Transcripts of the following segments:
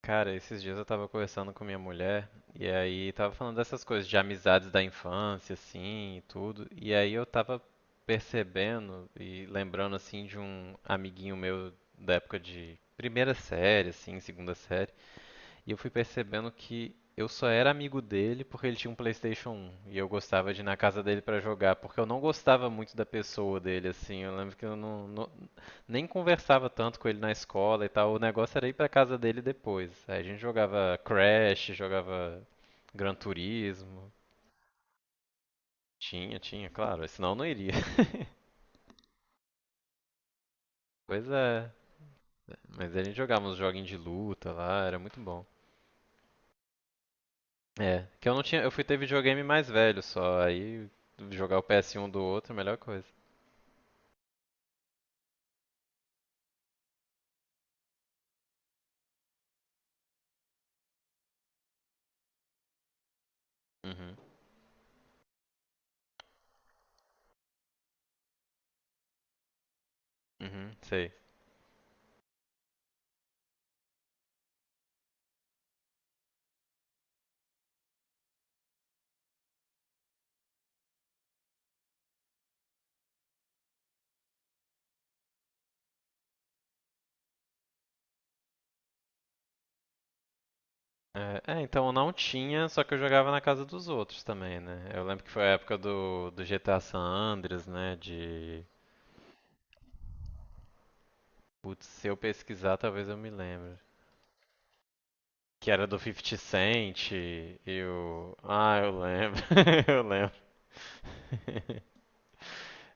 Cara, esses dias eu tava conversando com minha mulher e aí tava falando dessas coisas de amizades da infância, assim, e tudo. E aí eu tava percebendo e lembrando, assim, de um amiguinho meu da época de primeira série, assim, segunda série. E eu fui percebendo que eu só era amigo dele porque ele tinha um PlayStation 1 e eu gostava de ir na casa dele pra jogar, porque eu não gostava muito da pessoa dele, assim. Eu lembro que eu não, não, nem conversava tanto com ele na escola e tal. O negócio era ir pra casa dele depois. Aí a gente jogava Crash, jogava Gran Turismo. Tinha, tinha, claro. Senão eu não iria. Pois é. Mas a gente jogava uns joguinhos de luta lá, era muito bom. É, que eu não tinha. Eu fui ter videogame mais velho só. Aí jogar o PS1 do outro é a melhor coisa. Uhum. Uhum, sei. É, é, então não tinha, só que eu jogava na casa dos outros também, né? Eu lembro que foi a época do GTA San Andreas, né? De. Putz, se eu pesquisar, talvez eu me lembre. Que era do 50 Cent e o. Ah, eu lembro. Eu lembro.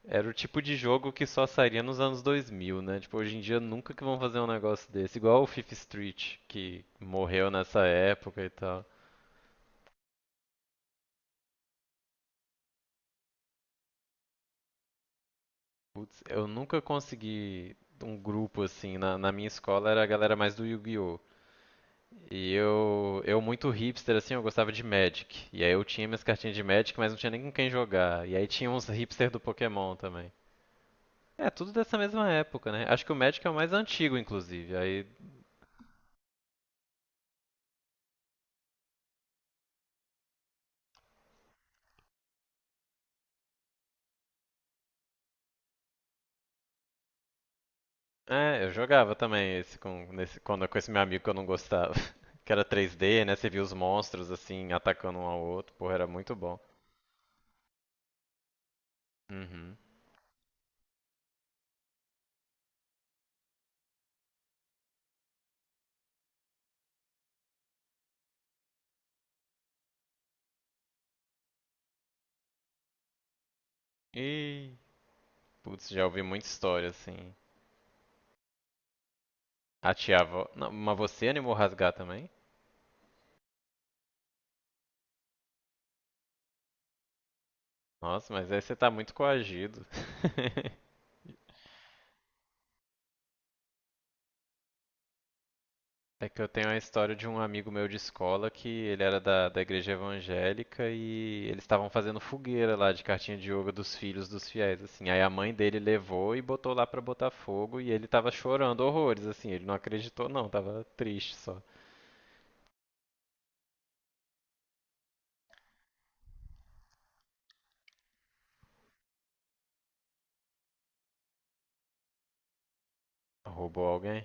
Era o tipo de jogo que só sairia nos anos 2000, né? Tipo, hoje em dia nunca que vão fazer um negócio desse. Igual o Fifth Street, que morreu nessa época e tal. Putz, eu nunca consegui um grupo assim. Na minha escola era a galera mais do Yu-Gi-Oh! E eu muito hipster assim, eu gostava de Magic. E aí eu tinha minhas cartinhas de Magic, mas não tinha nem com quem jogar. E aí tinha uns hipster do Pokémon também. É, tudo dessa mesma época, né? Acho que o Magic é o mais antigo, inclusive. Aí, é, eu jogava também esse com, nesse, quando, com esse meu amigo que eu não gostava. Que era 3D, né? Você via os monstros assim, atacando um ao outro. Porra, era muito bom. Uhum. E, putz, já ouvi muita história assim. A tia avó. Não, mas você animou rasgar também? Nossa, mas aí você tá muito coagido. É que eu tenho a história de um amigo meu de escola que ele era da igreja evangélica e eles estavam fazendo fogueira lá de cartinha de yoga dos filhos dos fiéis, assim. Aí a mãe dele levou e botou lá pra botar fogo e ele tava chorando horrores, assim. Ele não acreditou, não, tava triste só. Roubou alguém?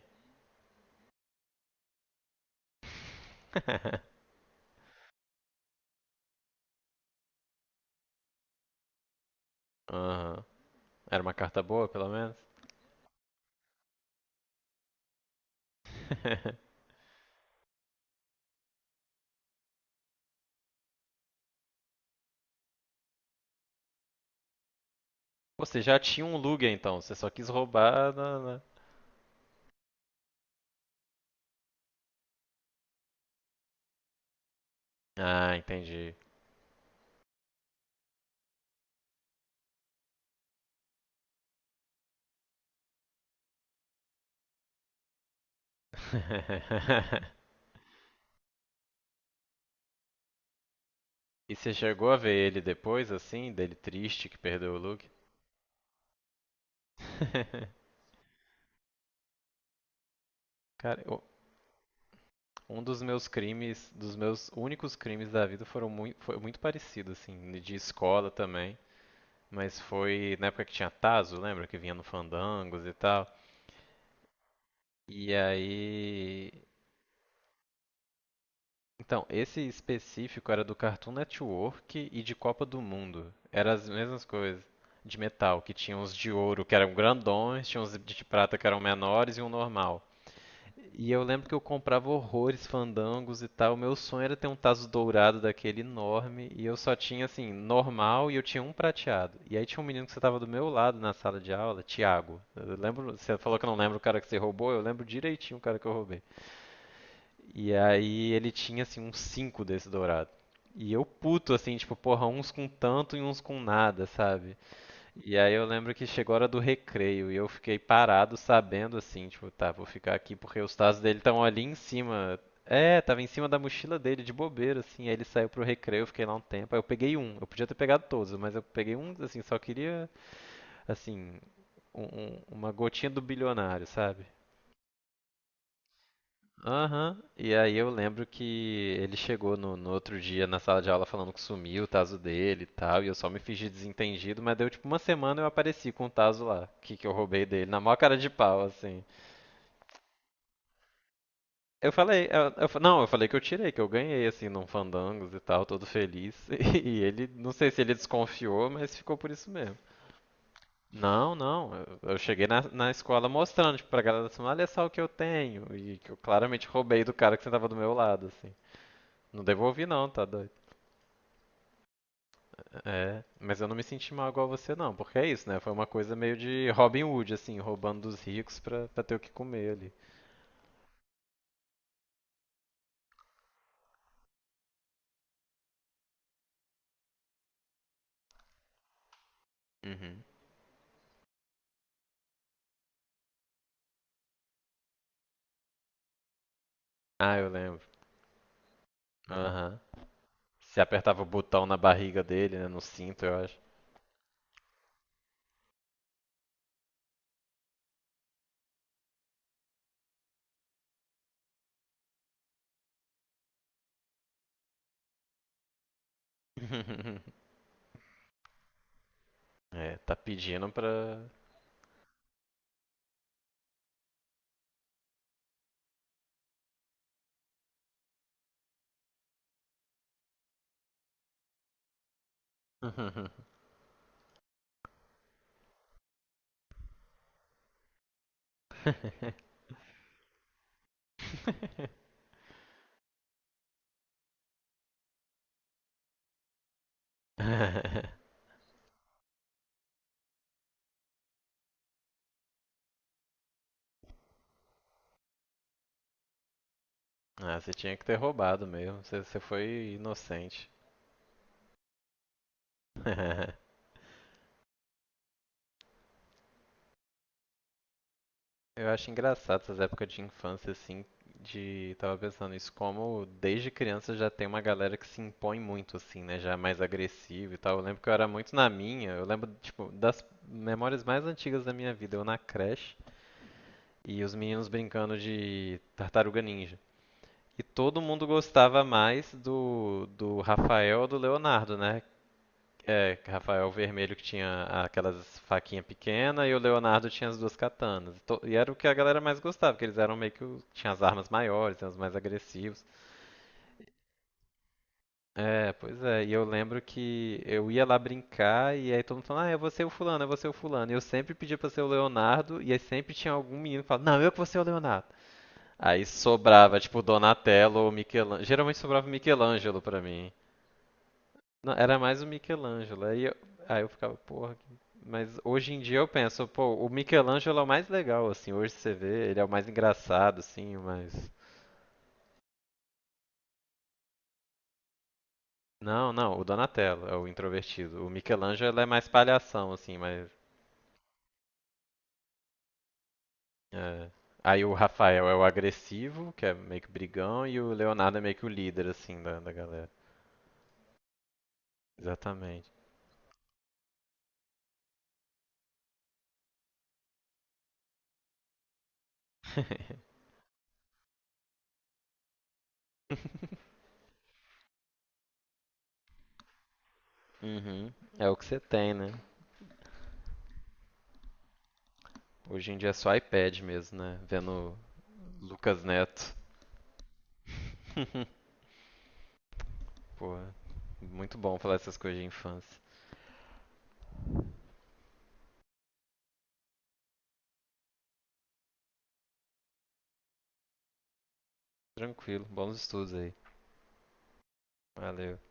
Aham. Era uma carta boa, pelo menos? Você já tinha um Lugia então, você só quis roubar na, na- Ah, entendi. E você chegou a ver ele depois, assim, dele triste que perdeu o look? Cara, um dos meus crimes, dos meus únicos crimes da vida foram muito, foi muito parecido, assim, de escola também. Mas foi na época que tinha Tazo, lembra? Que vinha no Fandangos e tal. E aí então, esse específico era do Cartoon Network e de Copa do Mundo. Eram as mesmas coisas. De metal, que tinha uns de ouro que eram grandões, tinha uns de prata que eram menores e um normal. E eu lembro que eu comprava horrores, fandangos e tal. Meu sonho era ter um tazo dourado daquele enorme. E eu só tinha, assim, normal e eu tinha um prateado. E aí tinha um menino que estava do meu lado na sala de aula, Thiago. Eu lembro, você falou que eu não lembro o cara que você roubou, eu lembro direitinho o cara que eu roubei. E aí ele tinha, assim, uns cinco desse dourado. E eu puto, assim, tipo, porra, uns com tanto e uns com nada, sabe? E aí eu lembro que chegou a hora do recreio e eu fiquei parado sabendo, assim, tipo, tá, vou ficar aqui porque os tazos dele estão ali em cima. É, tava em cima da mochila dele, de bobeira, assim. Aí ele saiu pro recreio, eu fiquei lá um tempo. Aí eu peguei um, eu podia ter pegado todos, mas eu peguei um, assim, só queria, assim, uma gotinha do bilionário, sabe? Aham. E aí eu lembro que ele chegou no outro dia na sala de aula falando que sumiu o taso dele e tal, e eu só me fingi desentendido, mas deu tipo uma semana eu apareci com o taso lá, que eu roubei dele, na maior cara de pau, assim. Eu falei, não, eu falei que eu tirei, que eu ganhei, assim, num Fandangos e tal, todo feliz. E ele, não sei se ele desconfiou, mas ficou por isso mesmo. Não, não. Eu cheguei na escola mostrando, tipo, pra galera assim, olha só o que eu tenho. E que eu claramente roubei do cara que sentava do meu lado, assim. Não devolvi não, tá doido? É, mas eu não me senti mal igual você não, porque é isso, né? Foi uma coisa meio de Robin Hood, assim, roubando dos ricos pra ter o que comer ali. Uhum. Ah, eu lembro. Uhum. Aham. Se apertava o botão na barriga dele, né? No cinto, eu acho. É, tá pedindo pra. Ah, você tinha que ter roubado mesmo. Você, você foi inocente. Eu acho engraçado essas épocas de infância, assim, de... Tava pensando isso, como desde criança já tem uma galera que se impõe muito, assim, né? Já é mais agressivo e tal. Eu lembro que eu era muito na minha, eu lembro, tipo, das memórias mais antigas da minha vida, eu na creche e os meninos brincando de Tartaruga Ninja. E todo mundo gostava mais do Rafael ou do Leonardo, né? É, Rafael Vermelho que tinha aquelas faquinhas pequenas e o Leonardo tinha as duas katanas. E era o que a galera mais gostava, porque eles eram meio que o... tinha as armas maiores, eram os mais agressivos. É, pois é. E eu lembro que eu ia lá brincar e aí todo mundo falando, ah, eu vou ser o fulano, eu vou ser o fulano. E eu sempre pedia pra ser o Leonardo e aí sempre tinha algum menino que falava, não, eu que vou ser o Leonardo. Aí sobrava, tipo, Donatello ou Michelangelo. Geralmente sobrava Michelangelo pra mim. Não, era mais o Michelangelo. Aí eu ficava, porra. Que- Mas hoje em dia eu penso, pô, o Michelangelo é o mais legal, assim. Hoje você vê, ele é o mais engraçado, assim, o mais. Não, não, o Donatello é o introvertido. O Michelangelo é mais palhação, assim, mas. É. Aí o Rafael é o agressivo, que é meio que brigão, e o Leonardo é meio que o líder, assim, da galera. Exatamente. Uhum. É o que você tem, né? Hoje em dia é só iPad mesmo, né? Vendo Lucas Neto. Porra, muito bom falar essas coisas de infância. Tranquilo, bons estudos aí. Valeu.